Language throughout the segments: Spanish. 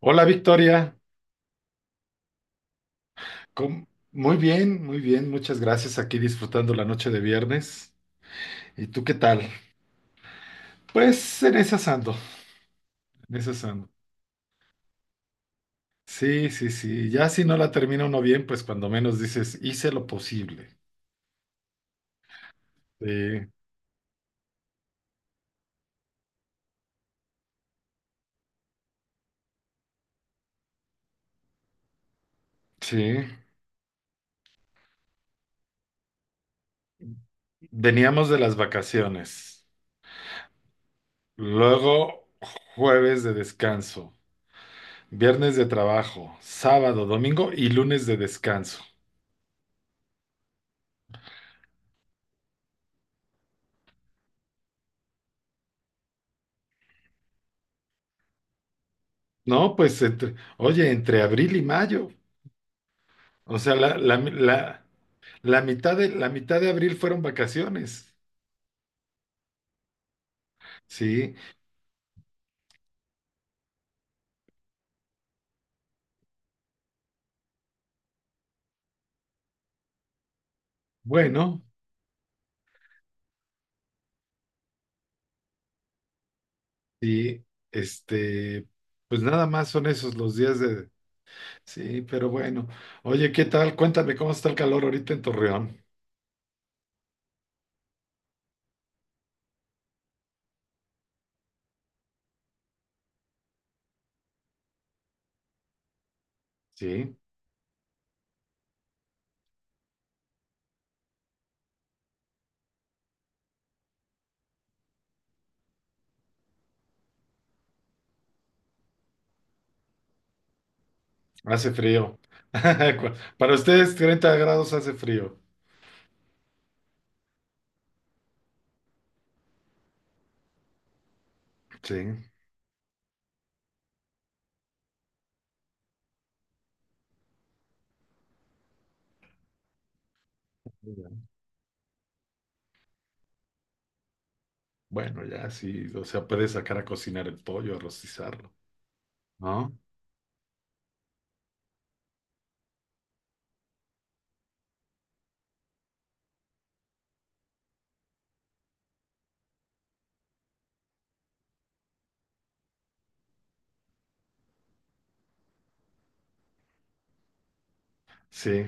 Hola, Victoria. ¿Cómo- muy bien, muy bien, muchas gracias, aquí disfrutando la noche de viernes. ¿Y tú qué tal? Pues en esas ando, en esas ando. Sí, sí, sí, ya si no la termina uno bien, pues cuando menos dices, hice lo posible. Sí, sí, veníamos de las vacaciones, luego jueves de descanso, viernes de trabajo, sábado, domingo y lunes de descanso. No, pues oye, entre abril y mayo, o sea, la, la, la- la mitad de abril fueron vacaciones. Sí, bueno, y este, pues nada más son esos los días de. Sí, pero bueno. Oye, ¿qué tal? Cuéntame cómo está el calor ahorita en Torreón. Sí, hace frío. Cu- Para ustedes 30 grados hace frío. Sí. Muy bien. Bueno, ya sí, o sea, puedes sacar a cocinar el pollo, a rostizarlo, ¿no? Sí,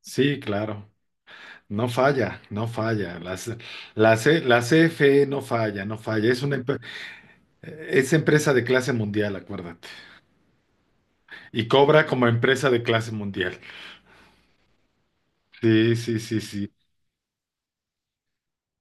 sí, claro. No falla, no falla. La CFE no falla, no falla. Es una empe- es empresa de clase mundial, acuérdate. Y cobra como empresa de clase mundial. Sí, sí, sí, sí.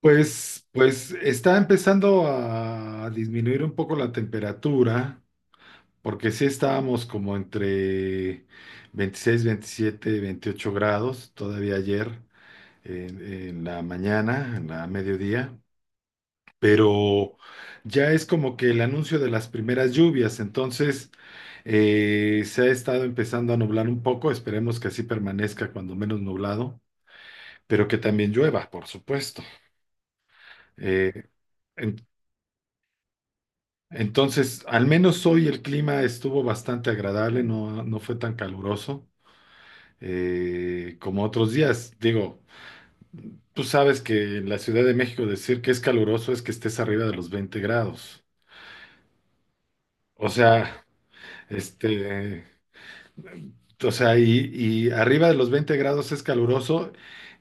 Pues está empezando a disminuir un poco la temperatura, porque sí estábamos como entre 26, 27, 28 grados todavía ayer en la mañana, en la mediodía. Pero ya es como que el anuncio de las primeras lluvias, entonces se ha estado empezando a nublar un poco, esperemos que así permanezca cuando menos nublado, pero que también llueva, por supuesto. Eh, en- entonces, al menos hoy el clima estuvo bastante agradable, no, no fue tan caluroso como otros días. Digo, tú sabes que en la Ciudad de México decir que es caluroso es que estés arriba de los 20 grados. O sea, este, O sea, y, y arriba de los 20 grados es caluroso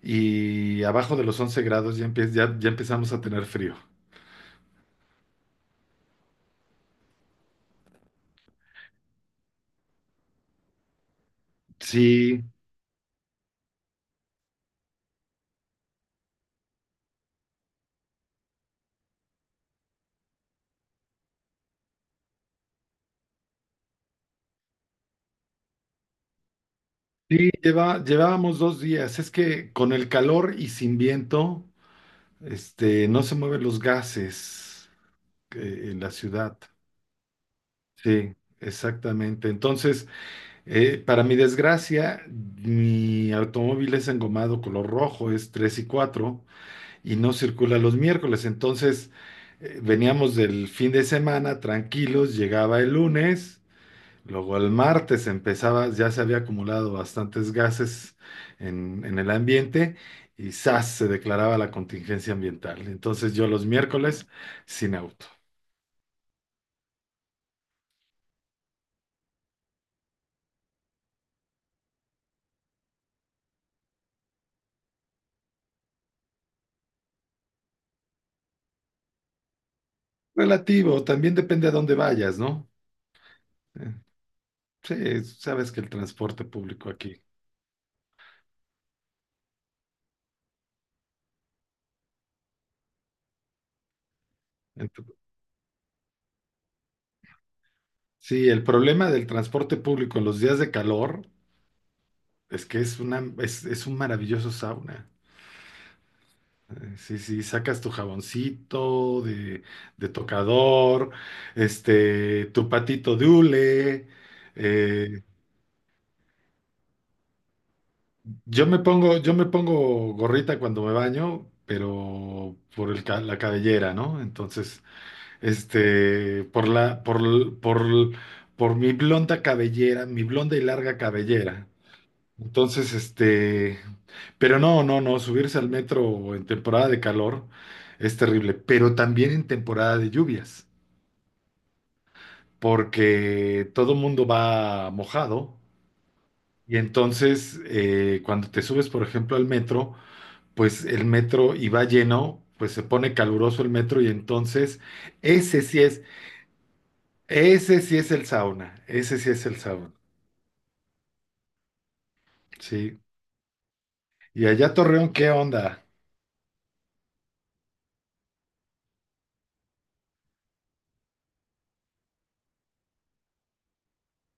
y abajo de los 11 grados ya, ya empezamos a tener frío. Sí, sí, llevábamos 2 días. Es que con el calor y sin viento, no se mueven los gases en la ciudad. Sí, exactamente. Entonces, para mi desgracia, mi automóvil es engomado color rojo, es 3 y cuatro, y no circula los miércoles. Entonces, veníamos del fin de semana tranquilos, llegaba el lunes, luego el martes empezaba, ya se había acumulado bastantes gases en el ambiente y ¡zas!, se declaraba la contingencia ambiental. Entonces, yo los miércoles sin auto. Relativo, también depende a dónde vayas, ¿no? Eh, Sí, sabes que el transporte público aquí. ent- Sí, el problema del transporte público en los días de calor, es que es un maravilloso sauna. Sí, sí, sacas tu jaboncito de tocador, tu patito de hule. eh, yo me pongo gorrita cuando me baño, pero por la cabellera, ¿no? Entonces, por la, por, l- por, l- por mi blonda cabellera, mi blonda y larga cabellera. Entonces, pero no, no, no, subirse al metro en temporada de calor es terrible, pero también en temporada de lluvias, porque todo mundo va mojado, y entonces cuando te subes, por ejemplo, al metro, pues el metro y va lleno, pues se pone caluroso el metro, y entonces ese sí es, ese sí es el sauna, ese sí es el sauna, sí. Y allá Torreón, ¿qué onda?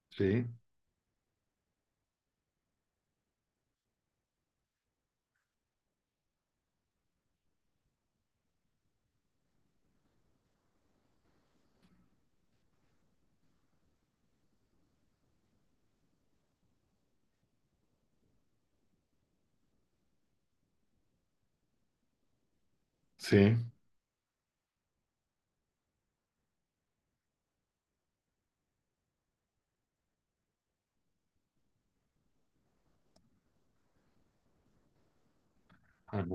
Sí, sí. Ajá.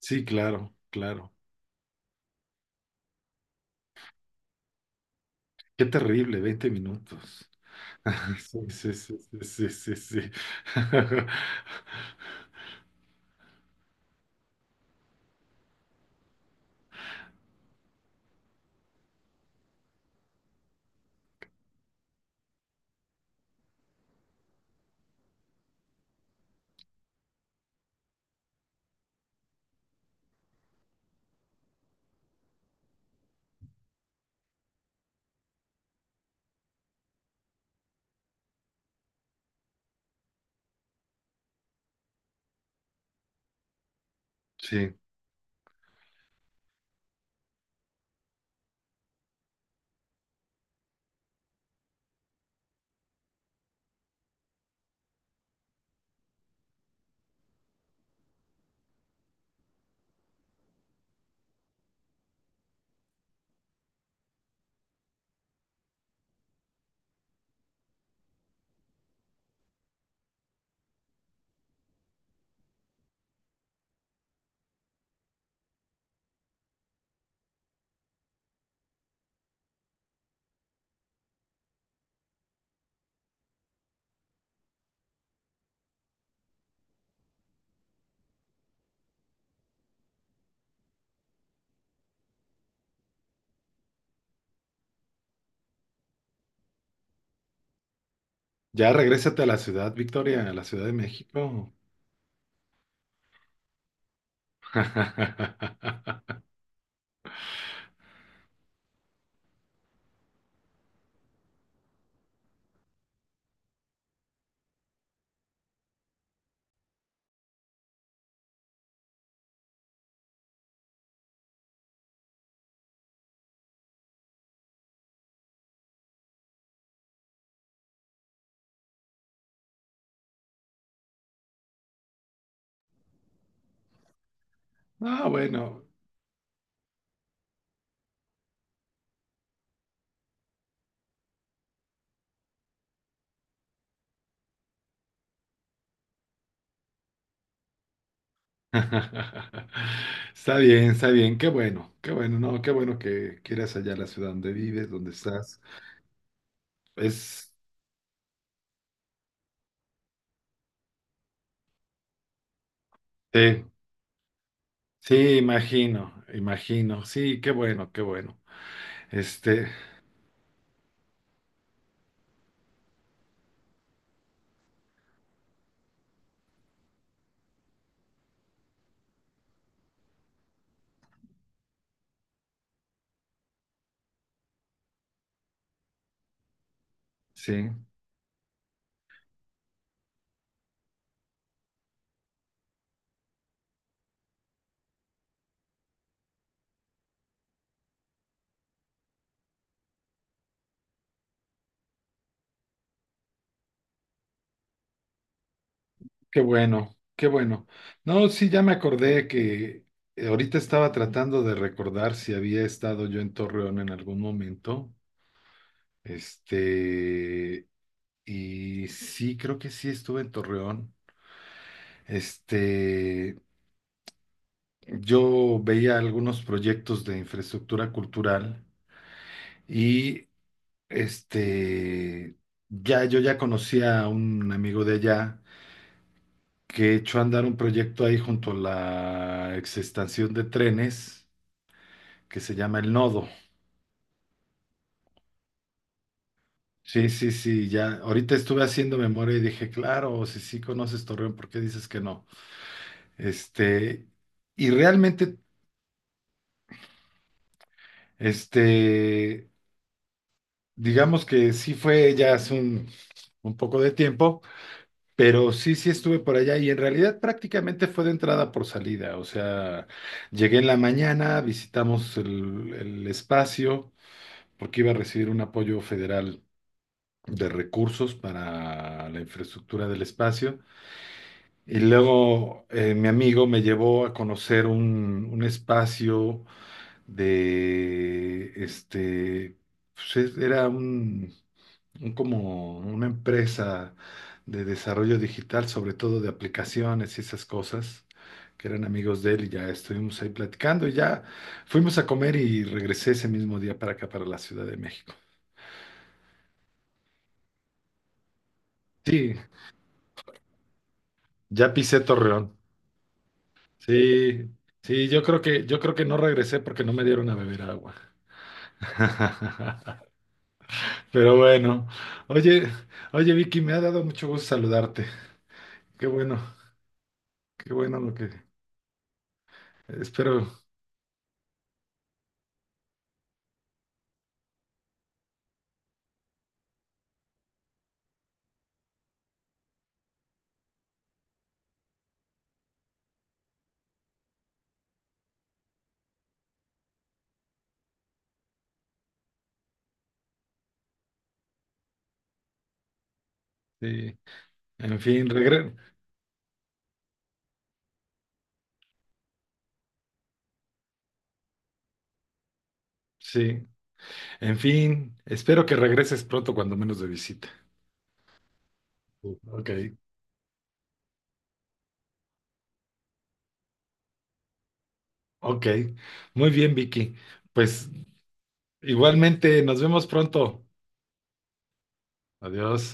Sí, claro, claro. Qué terrible, 20 minutos. Sí, sí, sí, sí, sí, sí. Sí. Sí. Ya regrésate a la ciudad, Victoria, a la Ciudad de México. Ah, bueno. Está bien, está bien. Qué bueno, no, qué bueno que quieras allá la ciudad donde vives, donde estás. Es, sí, sí, imagino, imagino. Sí, qué bueno, qué bueno. Este, sí. Qué bueno, qué bueno. No, sí, ya me acordé que ahorita estaba tratando de recordar si había estado yo en Torreón en algún momento. Este, y sí, creo que sí estuve en Torreón. Este, yo veía algunos proyectos de infraestructura cultural y este, ya conocía a un amigo de allá que echó a andar un proyecto ahí junto a la exestación de trenes que se llama El Nodo. Sí, sí, sí, ya. Ahorita estuve haciendo memoria y dije, claro, si sí conoces Torreón, ¿por qué dices que no? Este, y realmente, este, digamos que sí fue ya hace un poco de tiempo, pero sí, sí estuve por allá y en realidad prácticamente fue de entrada por salida. O sea, llegué en la mañana, visitamos el espacio porque iba a recibir un apoyo federal de recursos para la infraestructura del espacio. Y luego mi amigo me llevó a conocer un espacio de, este, pues, es- era un como una empresa de desarrollo digital, sobre todo de aplicaciones y esas cosas, que eran amigos de él, y ya estuvimos ahí platicando y ya fuimos a comer y regresé ese mismo día para acá, para la Ciudad de México. Sí, ya pisé Torreón. Sí, sí, yo creo que no regresé porque no me dieron a beber agua. Pero bueno, oye, oye Vicky, me ha dado mucho gusto saludarte. Qué bueno, qué bueno lo que espero. Sí, en fin, regre sí, en fin, espero que regreses pronto cuando menos de visita. Sí. Ok, ok. Muy bien, Vicky. Pues igualmente, nos vemos pronto. Adiós.